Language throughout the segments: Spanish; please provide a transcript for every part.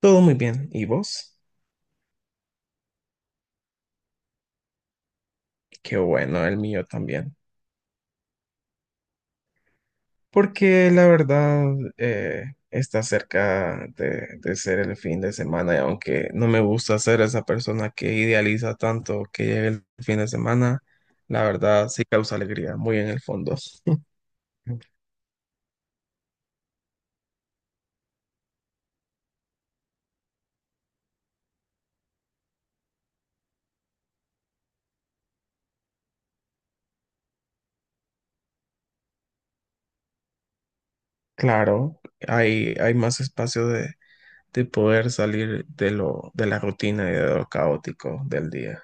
Todo muy bien. ¿Y vos? Qué bueno, el mío también. Porque la verdad eh, está cerca de ser el fin de semana y aunque no me gusta ser esa persona que idealiza tanto que llegue el fin de semana, la verdad sí causa alegría, muy en el fondo. Ok. Claro, hay más espacio de poder salir de lo, de la rutina y de lo caótico del día.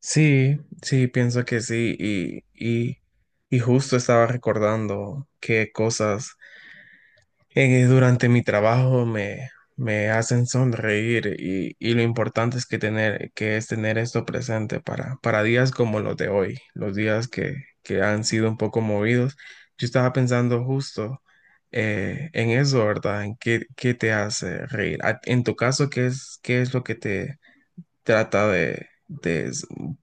Sí, sí, pienso que sí. Y justo estaba recordando qué cosas durante mi trabajo me hacen sonreír y lo importante es que tener, que es tener esto presente para días como los de hoy, los días que han sido un poco movidos. Yo estaba pensando justo en eso, ¿verdad? En qué, qué te hace reír. En tu caso, qué es lo que te, trata de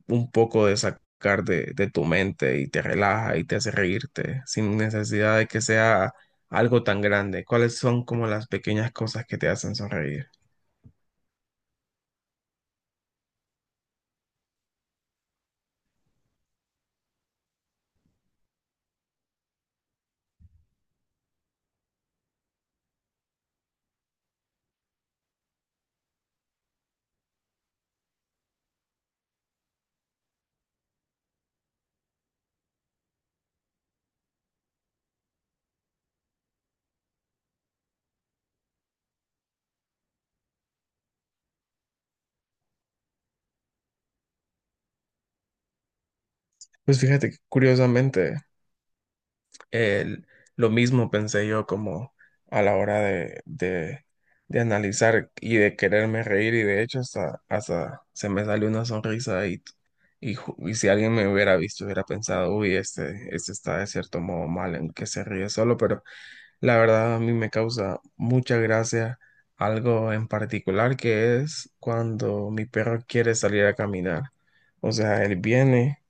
un poco de sacar de tu mente y te relaja y te hace reírte sin necesidad de que sea algo tan grande? ¿Cuáles son como las pequeñas cosas que te hacen sonreír? Pues fíjate que, curiosamente, el- lo mismo pensé yo como a la hora de analizar y de quererme reír y de hecho hasta se me salió una sonrisa y, y si alguien me hubiera visto hubiera pensado, uy, este está de cierto modo mal en que se ríe solo, pero la verdad a mí me causa mucha gracia algo en particular que es cuando mi perro quiere salir a caminar. O sea, él viene,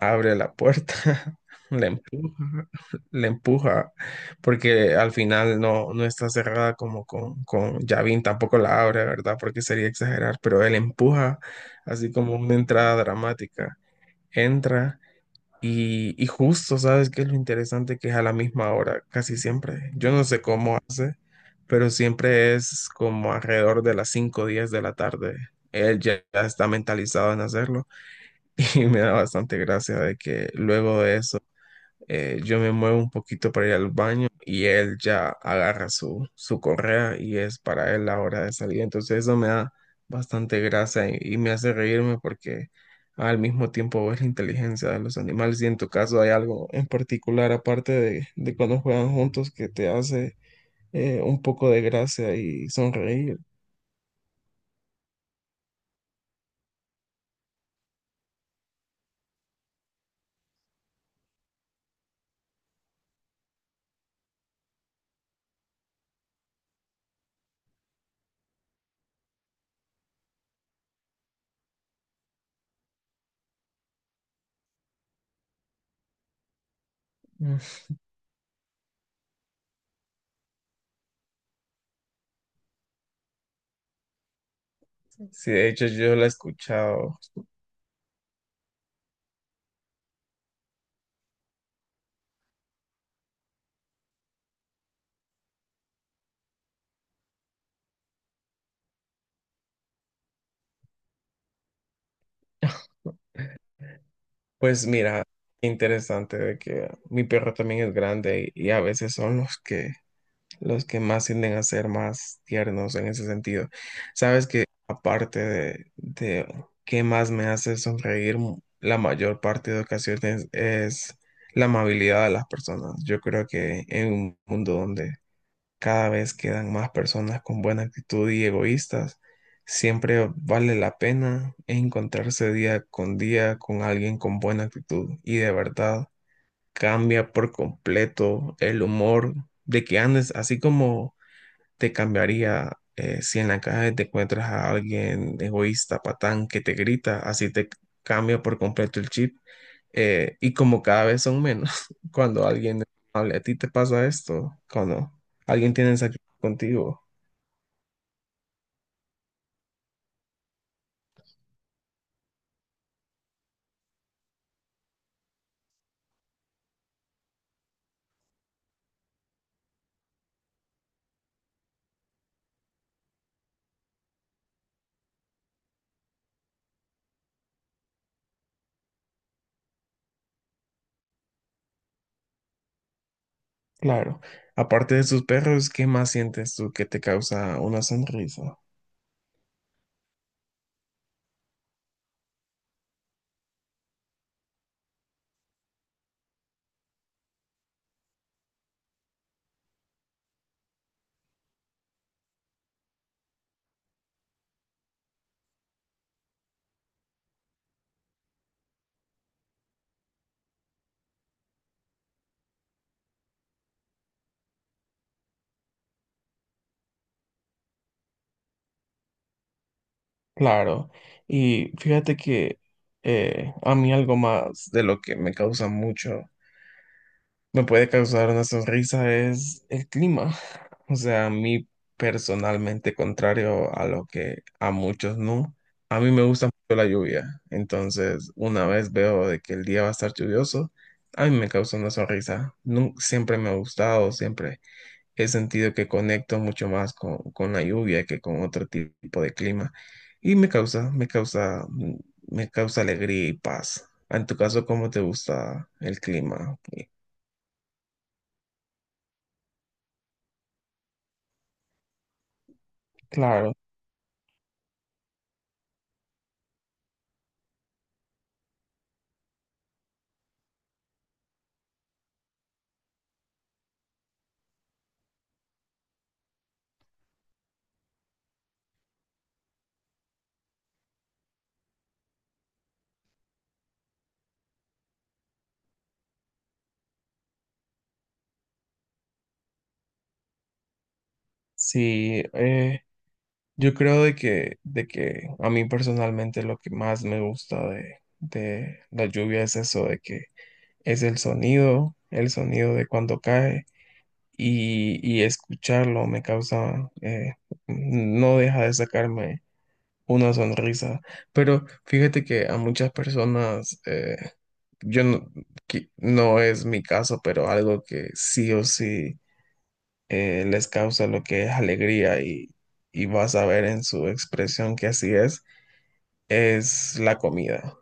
abre la puerta, la empuja, la empuja, porque al final no, no está cerrada como con Yavin, tampoco la abre, ¿verdad? Porque sería exagerar, pero él empuja, así como una entrada dramática. Entra y justo, ¿sabes qué es lo interesante? Que es a la misma hora, casi siempre. Yo no sé cómo hace, pero siempre es como alrededor de las 5 o 10 de la tarde. Él ya está mentalizado en hacerlo. Y me da bastante gracia de que luego de eso, yo me muevo un poquito para ir al baño y él ya agarra su correa y es para él la hora de salir. Entonces eso me da bastante gracia y me hace reírme porque al mismo tiempo ves la inteligencia de los animales. Y en tu caso, ¿hay algo en particular aparte de cuando juegan juntos que te hace un poco de gracia y sonreír? Mm. Sí, de hecho yo la he escuchado. Pues mira, interesante de que mi perro también es grande y a veces son los que más tienden a ser más tiernos en ese sentido. Sabes que, aparte de qué más me hace sonreír, la mayor parte de ocasiones es la amabilidad de las personas. Yo creo que en un mundo donde cada vez quedan más personas con buena actitud y egoístas. Siempre vale la pena encontrarse día con alguien con buena actitud y de verdad cambia por completo el humor de que andes, así como te cambiaría, si en la calle te encuentras a alguien egoísta, patán, que te grita, así te cambia por completo el chip, y como cada vez son menos, cuando alguien es amable, a ti te pasa esto, cuando alguien tiene esa actitud contigo, claro. Aparte de sus perros, ¿qué más sientes tú que te causa una sonrisa? Claro, y fíjate que, a mí algo más de lo que me causa mucho me puede causar una sonrisa es el clima. O sea, a mí personalmente, contrario a lo que a muchos no, a mí me gusta mucho la lluvia. Entonces, una vez veo de que el día va a estar lluvioso, a mí me causa una sonrisa. Siempre me ha gustado, siempre he sentido que conecto mucho más con la lluvia que con otro tipo de clima. Y me causa alegría y paz. En tu caso, ¿cómo te gusta el clima? Claro. Sí, yo creo de que a mí personalmente lo que más me gusta de la lluvia es eso, de que es el sonido de cuando cae y escucharlo me causa, no deja de sacarme una sonrisa. Pero fíjate que a muchas personas, yo no, que no es mi caso, pero algo que sí o sí les causa lo que es alegría y vas a ver en su expresión que así es la comida.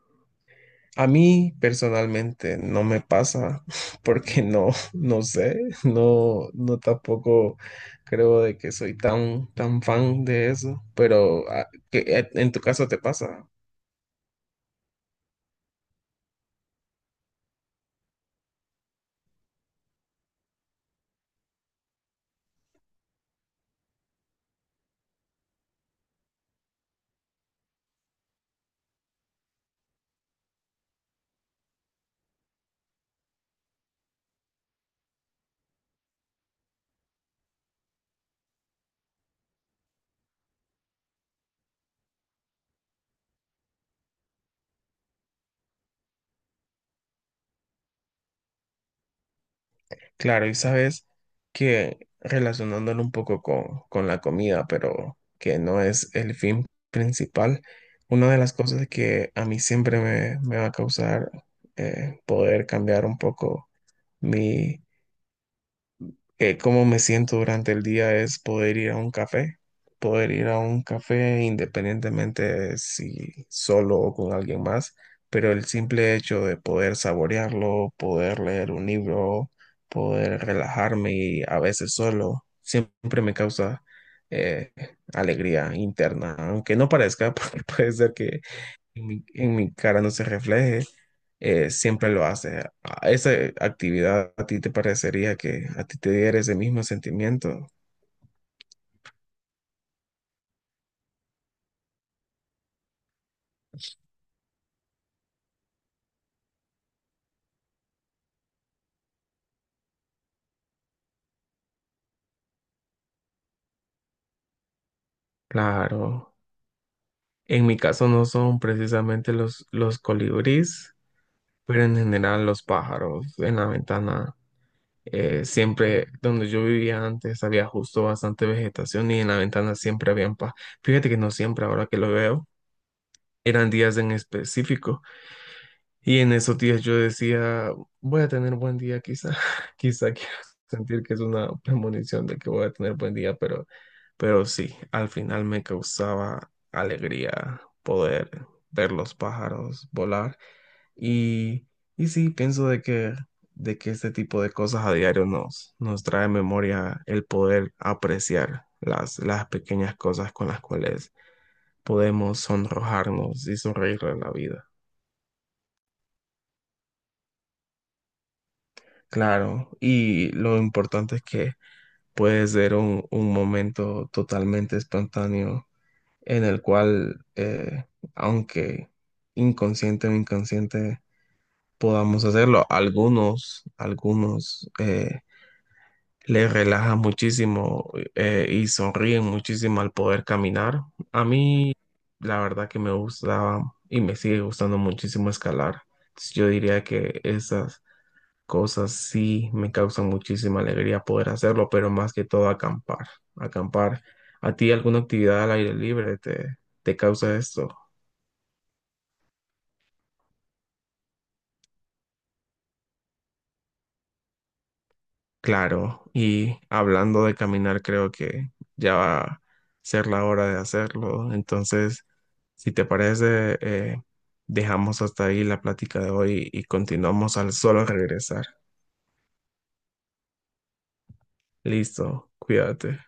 A mí personalmente no me pasa, porque no, no sé, no, no tampoco creo de que soy tan fan de eso, pero ah, que, en tu caso te pasa. Claro, y sabes que, relacionándolo un poco con la comida, pero que no es el fin principal, una de las cosas que a mí siempre me va a causar poder cambiar un poco mi cómo me siento durante el día es poder ir a un café, poder ir a un café independientemente de si solo o con alguien más, pero el simple hecho de poder saborearlo, poder leer un libro, poder relajarme y a veces solo, siempre me causa eh, alegría interna, aunque no parezca, porque puede ser que en mi cara no se refleje, siempre lo haces. ¿A ¿Esa actividad a ti te parecería que a ti te diera ese mismo sentimiento? Claro. En mi caso no son precisamente los colibríes, pero en general los pájaros en la ventana. Siempre donde yo vivía antes había justo bastante vegetación y en la ventana siempre habían pájaros. Fíjate que no siempre, ahora que lo veo, eran días en específico. Y en esos días yo decía, voy a tener buen día quizá, quizá quiero sentir que es una premonición de que voy a tener buen día, pero sí, al final me causaba alegría poder ver los pájaros volar y, y sí, pienso de que este tipo de cosas a diario nos trae memoria el poder apreciar las pequeñas cosas con las cuales podemos sonrojarnos y sonreír en la vida. Claro, y lo importante es que puede ser un momento totalmente espontáneo en el cual, aunque inconsciente o inconsciente, podamos hacerlo. Algunos les relaja muchísimo, y sonríen muchísimo al poder caminar. A mí, la verdad que me gustaba y me sigue gustando muchísimo escalar. Yo diría que esas cosas sí me causan muchísima alegría poder hacerlo, pero más que todo acampar, acampar. ¿A ti alguna actividad al aire libre te causa esto? Claro, y hablando de caminar, creo que ya va a ser la hora de hacerlo. Entonces, si te parece, dejamos hasta ahí la plática de hoy y continuamos al solo regresar. Listo, cuídate.